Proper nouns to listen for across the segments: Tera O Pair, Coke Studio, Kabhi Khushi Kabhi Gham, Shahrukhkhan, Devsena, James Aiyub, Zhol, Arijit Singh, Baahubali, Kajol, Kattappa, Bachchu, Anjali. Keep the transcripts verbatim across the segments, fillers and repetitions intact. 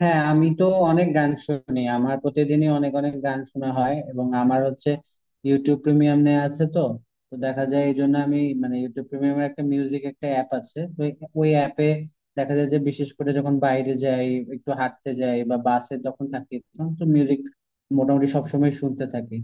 হ্যাঁ, আমি তো অনেক গান শুনি। আমার প্রতিদিনই অনেক অনেক গান শোনা হয়, এবং আমার হচ্ছে ইউটিউব প্রিমিয়াম নেওয়া আছে তো তো দেখা যায় এই জন্য আমি মানে ইউটিউব প্রিমিয়ামের একটা মিউজিক একটা অ্যাপ আছে তো। এই- ওই অ্যাপে দেখা যায় যে বিশেষ করে যখন বাইরে যাই, একটু হাঁটতে যাই বা বাসে তখন থাকি, তখন তো মিউজিক মোটামুটি সবসময় শুনতে থাকি।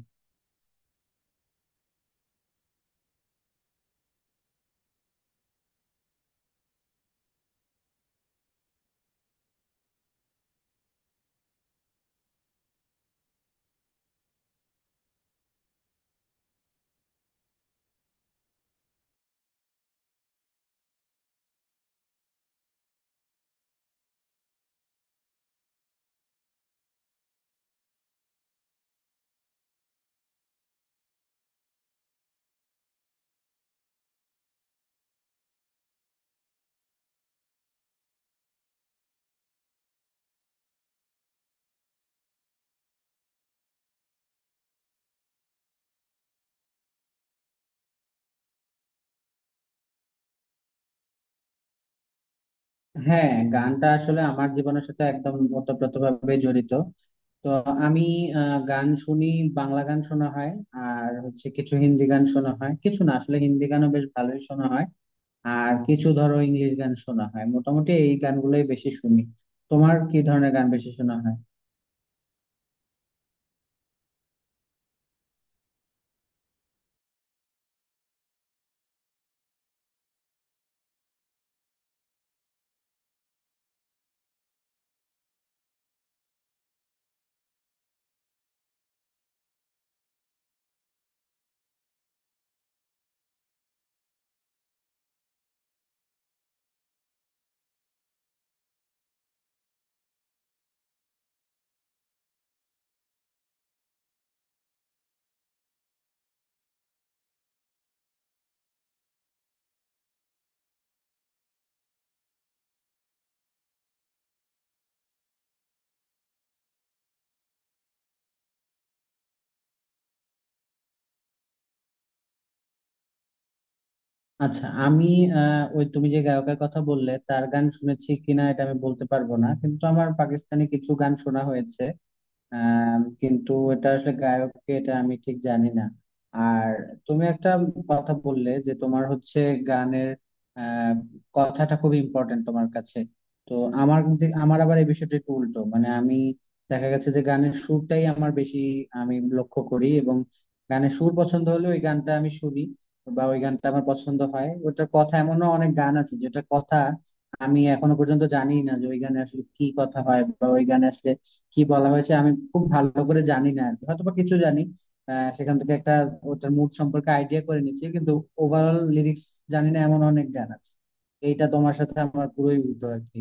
হ্যাঁ, গানটা আসলে আমার জীবনের সাথে একদম ওতপ্রোতভাবে জড়িত। তো আমি আহ, গান শুনি। বাংলা গান শোনা হয়, আর হচ্ছে কিছু হিন্দি গান শোনা হয়, কিছু না আসলে হিন্দি গানও বেশ ভালোই শোনা হয়। আর কিছু ধরো ইংলিশ গান শোনা হয়। মোটামুটি এই গানগুলোই বেশি শুনি। তোমার কি ধরনের গান বেশি শোনা হয়? আচ্ছা, আমি আহ ওই তুমি যে গায়কের কথা বললে তার গান শুনেছি কিনা এটা আমি বলতে পারবো না, কিন্তু আমার পাকিস্তানি কিছু গান শোনা হয়েছে। আম, কিন্তু এটা আসলে গায়ককে এটা আমি ঠিক জানি না। আর তুমি একটা কথা বললে যে তোমার হচ্ছে গানের আহ, কথাটা খুব ইম্পর্টেন্ট তোমার কাছে। তো আমার দি- আমার আবার এই বিষয়টা একটু উল্টো, মানে আমি দেখা গেছে যে গানের সুরটাই আমার বেশি আমি লক্ষ্য করি, এবং গানের সুর পছন্দ হলে ওই গানটা আমি শুনি, বা ওই গানটা আমার পছন্দ হয়। ওটার কথা এমনও অনেক গান আছে যেটার কথা আমি এখনো পর্যন্ত জানি না যে ওই গানে আসলে কি কথা হয় বা ওই গানে আসলে কি বলা হয়েছে, আমি খুব ভালো করে জানি না আর কি। হয়তো বা কিছু জানি, আহ, সেখান থেকে একটা ওটার মুড সম্পর্কে আইডিয়া করে নিচ্ছি। কিন্তু ওভারঅল লিরিক্স জানি না, এমন অনেক গান আছে। এইটা তোমার সাথে আমার পুরোই উল্টো আর কি।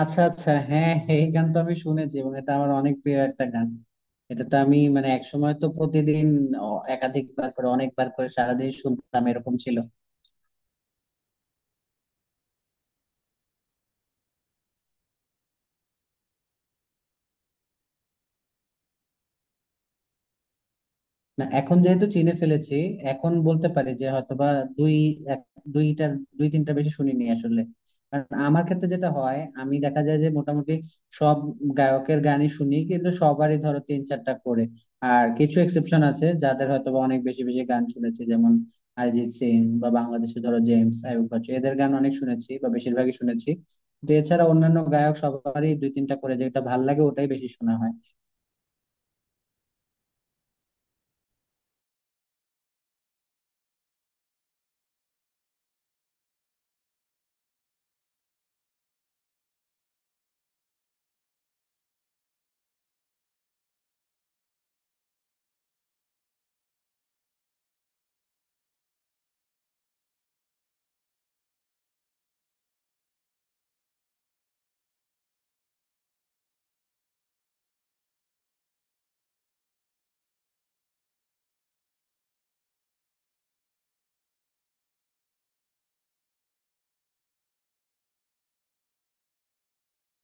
আচ্ছা আচ্ছা, হ্যাঁ, এই গান তো আমি শুনেছি, এবং এটা আমার অনেক প্রিয় একটা গান। এটা তো আমি মানে একসময় তো প্রতিদিন অ- একাধিকবার করে, অনেকবার করে সারাদিন শুনতাম এরকম ছিল। না, এখন যেহেতু চিনে ফেলেছি, এখন বলতে পারি যে হয়তোবা দুই এক- দুইটার, দুই তিনটা বেশি শুনিনি আসলে। কারণ আমার ক্ষেত্রে যেটা হয়, আমি দেখা যায় যে মোটামুটি সব গায়কের গানই শুনি, কিন্তু সবারই ধরো তিন চারটা করে। আর কিছু এক্সেপশন আছে যাদের হয়তোবা অনেক বেশি বেশি গান শুনেছি, যেমন অরিজিৎ সিং, বা বাংলাদেশে ধরো জেমস, আইয়ুব বাচ্চু এদের গান অনেক শুনেছি বা বেশিরভাগই শুনেছি। তো এছাড়া অন্যান্য গায়ক সবারই দুই তিনটা করে যেটা ভাল লাগে ওটাই বেশি শোনা হয়।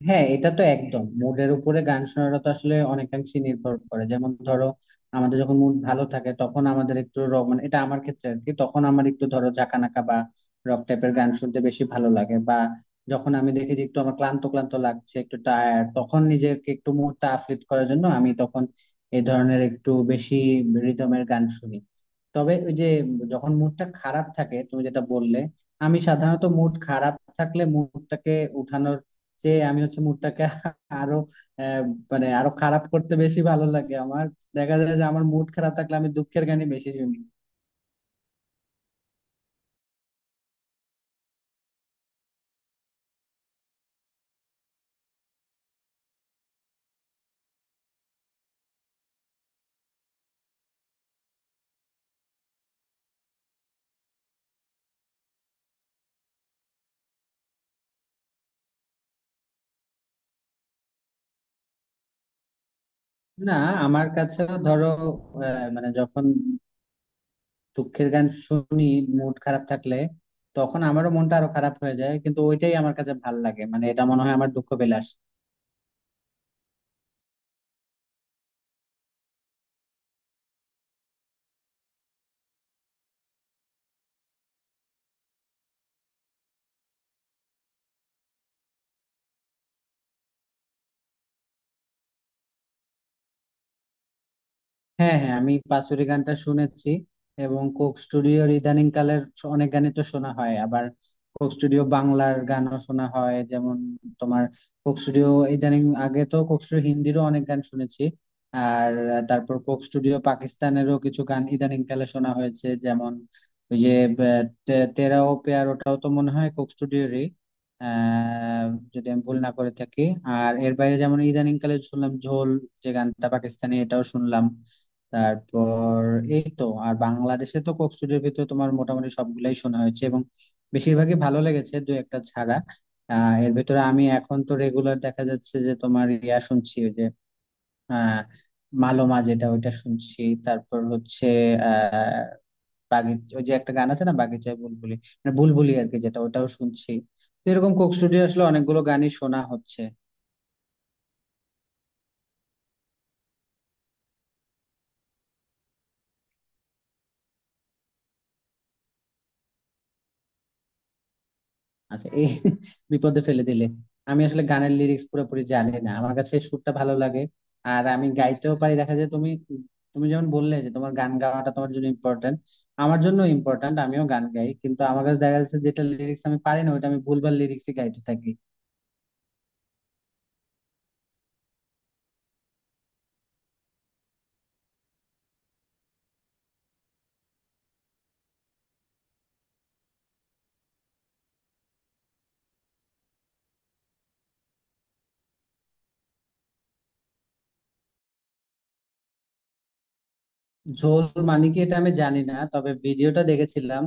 হ্যাঁ, এটা তো একদম মুডের উপরে গান শোনাটা তো আসলে অনেকাংশে নির্ভর করে। যেমন ধরো, আমাদের যখন মুড ভালো থাকে তখন আমাদের একটু রক, মানে এটা আমার ক্ষেত্রে আর কি, তখন আমার একটু ধরো ঝাঁকানাকা বা রক টাইপের গান শুনতে বেশি ভালো লাগে। বা যখন আমি দেখি যে একটু আমার ক্লান্ত ক্লান্ত লাগছে, একটু টায়ার্ড, তখন নিজেকে একটু মুডটা আফলিট করার জন্য আমি তখন এই ধরনের একটু বেশি রিদমের গান শুনি। তবে ওই যে, যখন মুডটা খারাপ থাকে তুমি যেটা বললে, আমি সাধারণত মুড খারাপ থাকলে মুডটাকে উঠানোর, যে আমি হচ্ছে মুডটাকে আরো আহ, মানে আরো খারাপ করতে বেশি ভালো লাগে আমার। দেখা যায় যে আমার মুড খারাপ থাকলে আমি দুঃখের গানই বেশি শুনি। না, আমার কাছে ধরো আহ, মানে যখন দুঃখের গান শুনি মুড খারাপ থাকলে, তখন আমারও মনটা আরো খারাপ হয়ে যায়, কিন্তু ওইটাই আমার কাছে ভাল লাগে। মানে এটা মনে হয় আমার দুঃখ বিলাস। হ্যাঁ হ্যাঁ, আমি বাঁশুরি গানটা শুনেছি, এবং কোক স্টুডিওর ইদানিং কালের অনেক গানই তো শোনা হয়। আবার কোক স্টুডিও বাংলার গানও শোনা হয়, যেমন তোমার কোক স্টুডিও ইদানিং, আগে তো কোক স্টুডিও হিন্দিরও অনেক গান শুনেছি। আর আহ, তারপর কোক স্টুডিও পাকিস্তানেরও কিছু গান ইদানিং কালে শোনা হয়েছে, যেমন ওই যে আহ, তে- তেরা ও প্যার, ওটাও তো মনে হয় কোক স্টুডিওরই, আহ যদি আমি ভুল না করে থাকি। আর এর বাইরে যেমন ইদানিং কালে শুনলাম ঝোল, যে গানটা পাকিস্তানি, এটাও শুনলাম। তারপর এই তো, আর বাংলাদেশে তো কোক স্টুডিওর ভিতরে তোমার মোটামুটি সবগুলাই শোনা হয়েছে, এবং বেশিরভাগই ভালো লেগেছে দু একটা ছাড়া। আহ এর ভিতরে আমি এখন তো রেগুলার দেখা যাচ্ছে যে তোমার ইয়া শুনছি, ওই যে আহ মালোমা, যেটা ওইটা শুনছি। তারপর হচ্ছে আহ বাগিচ, ওই যে একটা গান আছে না বাগিচায় বুলবুলি, মানে বুলবুলি আর কি, যেটা ওটাও শুনছি। তো এরকম কোক স্টুডিও আসলে অনেকগুলো গানই শোনা হচ্ছে। আচ্ছা এই, বিপদে ফেলে দিলে, আমি আসলে গানের লিরিক্স পুরোপুরি জানি না, আমার কাছে সুরটা ভালো লাগে, আর আমি গাইতেও পারি দেখা যায়। তুমি তুমি যেমন বললে যে তোমার গান গাওয়াটা তোমার জন্য ইম্পর্ট্যান্ট, আমার জন্য ইম্পর্ট্যান্ট, আমিও গান গাই, কিন্তু আমার কাছে দেখা যাচ্ছে যেটা লিরিক্স আমি পারি না ওইটা আমি ভুলভাল লিরিক্সই গাইতে থাকি। ঝোল মানে কি এটা আমি জানি না, তবে ভিডিওটা দেখেছিলাম,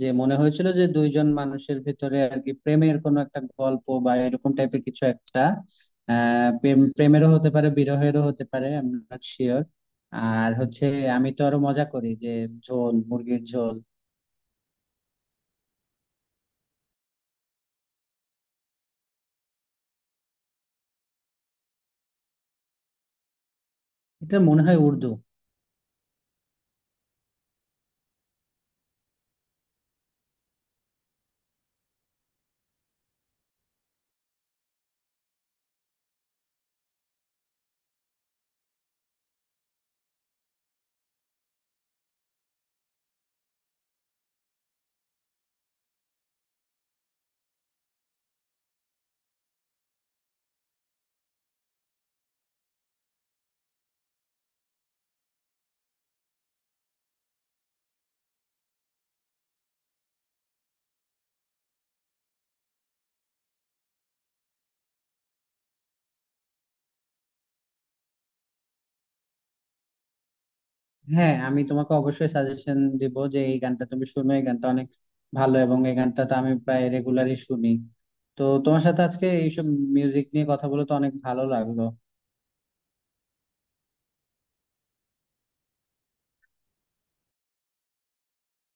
যে মনে হয়েছিল যে দুইজন মানুষের ভিতরে আর কি প্রেমের কোনো একটা গল্প বা এরকম টাইপের কিছু একটা। আহ প্রেম, প্রেমেরও হতে পারে বিরহেরও হতে পারে, আই এম নট শিওর। আর হচ্ছে, আমি তো আরো মজা করি যে ঝোল, মুরগির ঝোল। এটা মনে হয় উর্দু। হ্যাঁ, আমি তোমাকে অবশ্যই সাজেশন দিব যে এই গানটা তুমি শুনো, এই গানটা অনেক ভালো, এবং এই গানটা তো আমি প্রায় রেগুলারই শুনি। তো তোমার সাথে আজকে এইসব মিউজিক নিয়ে কথা বলে তো অনেক ভালো লাগলো।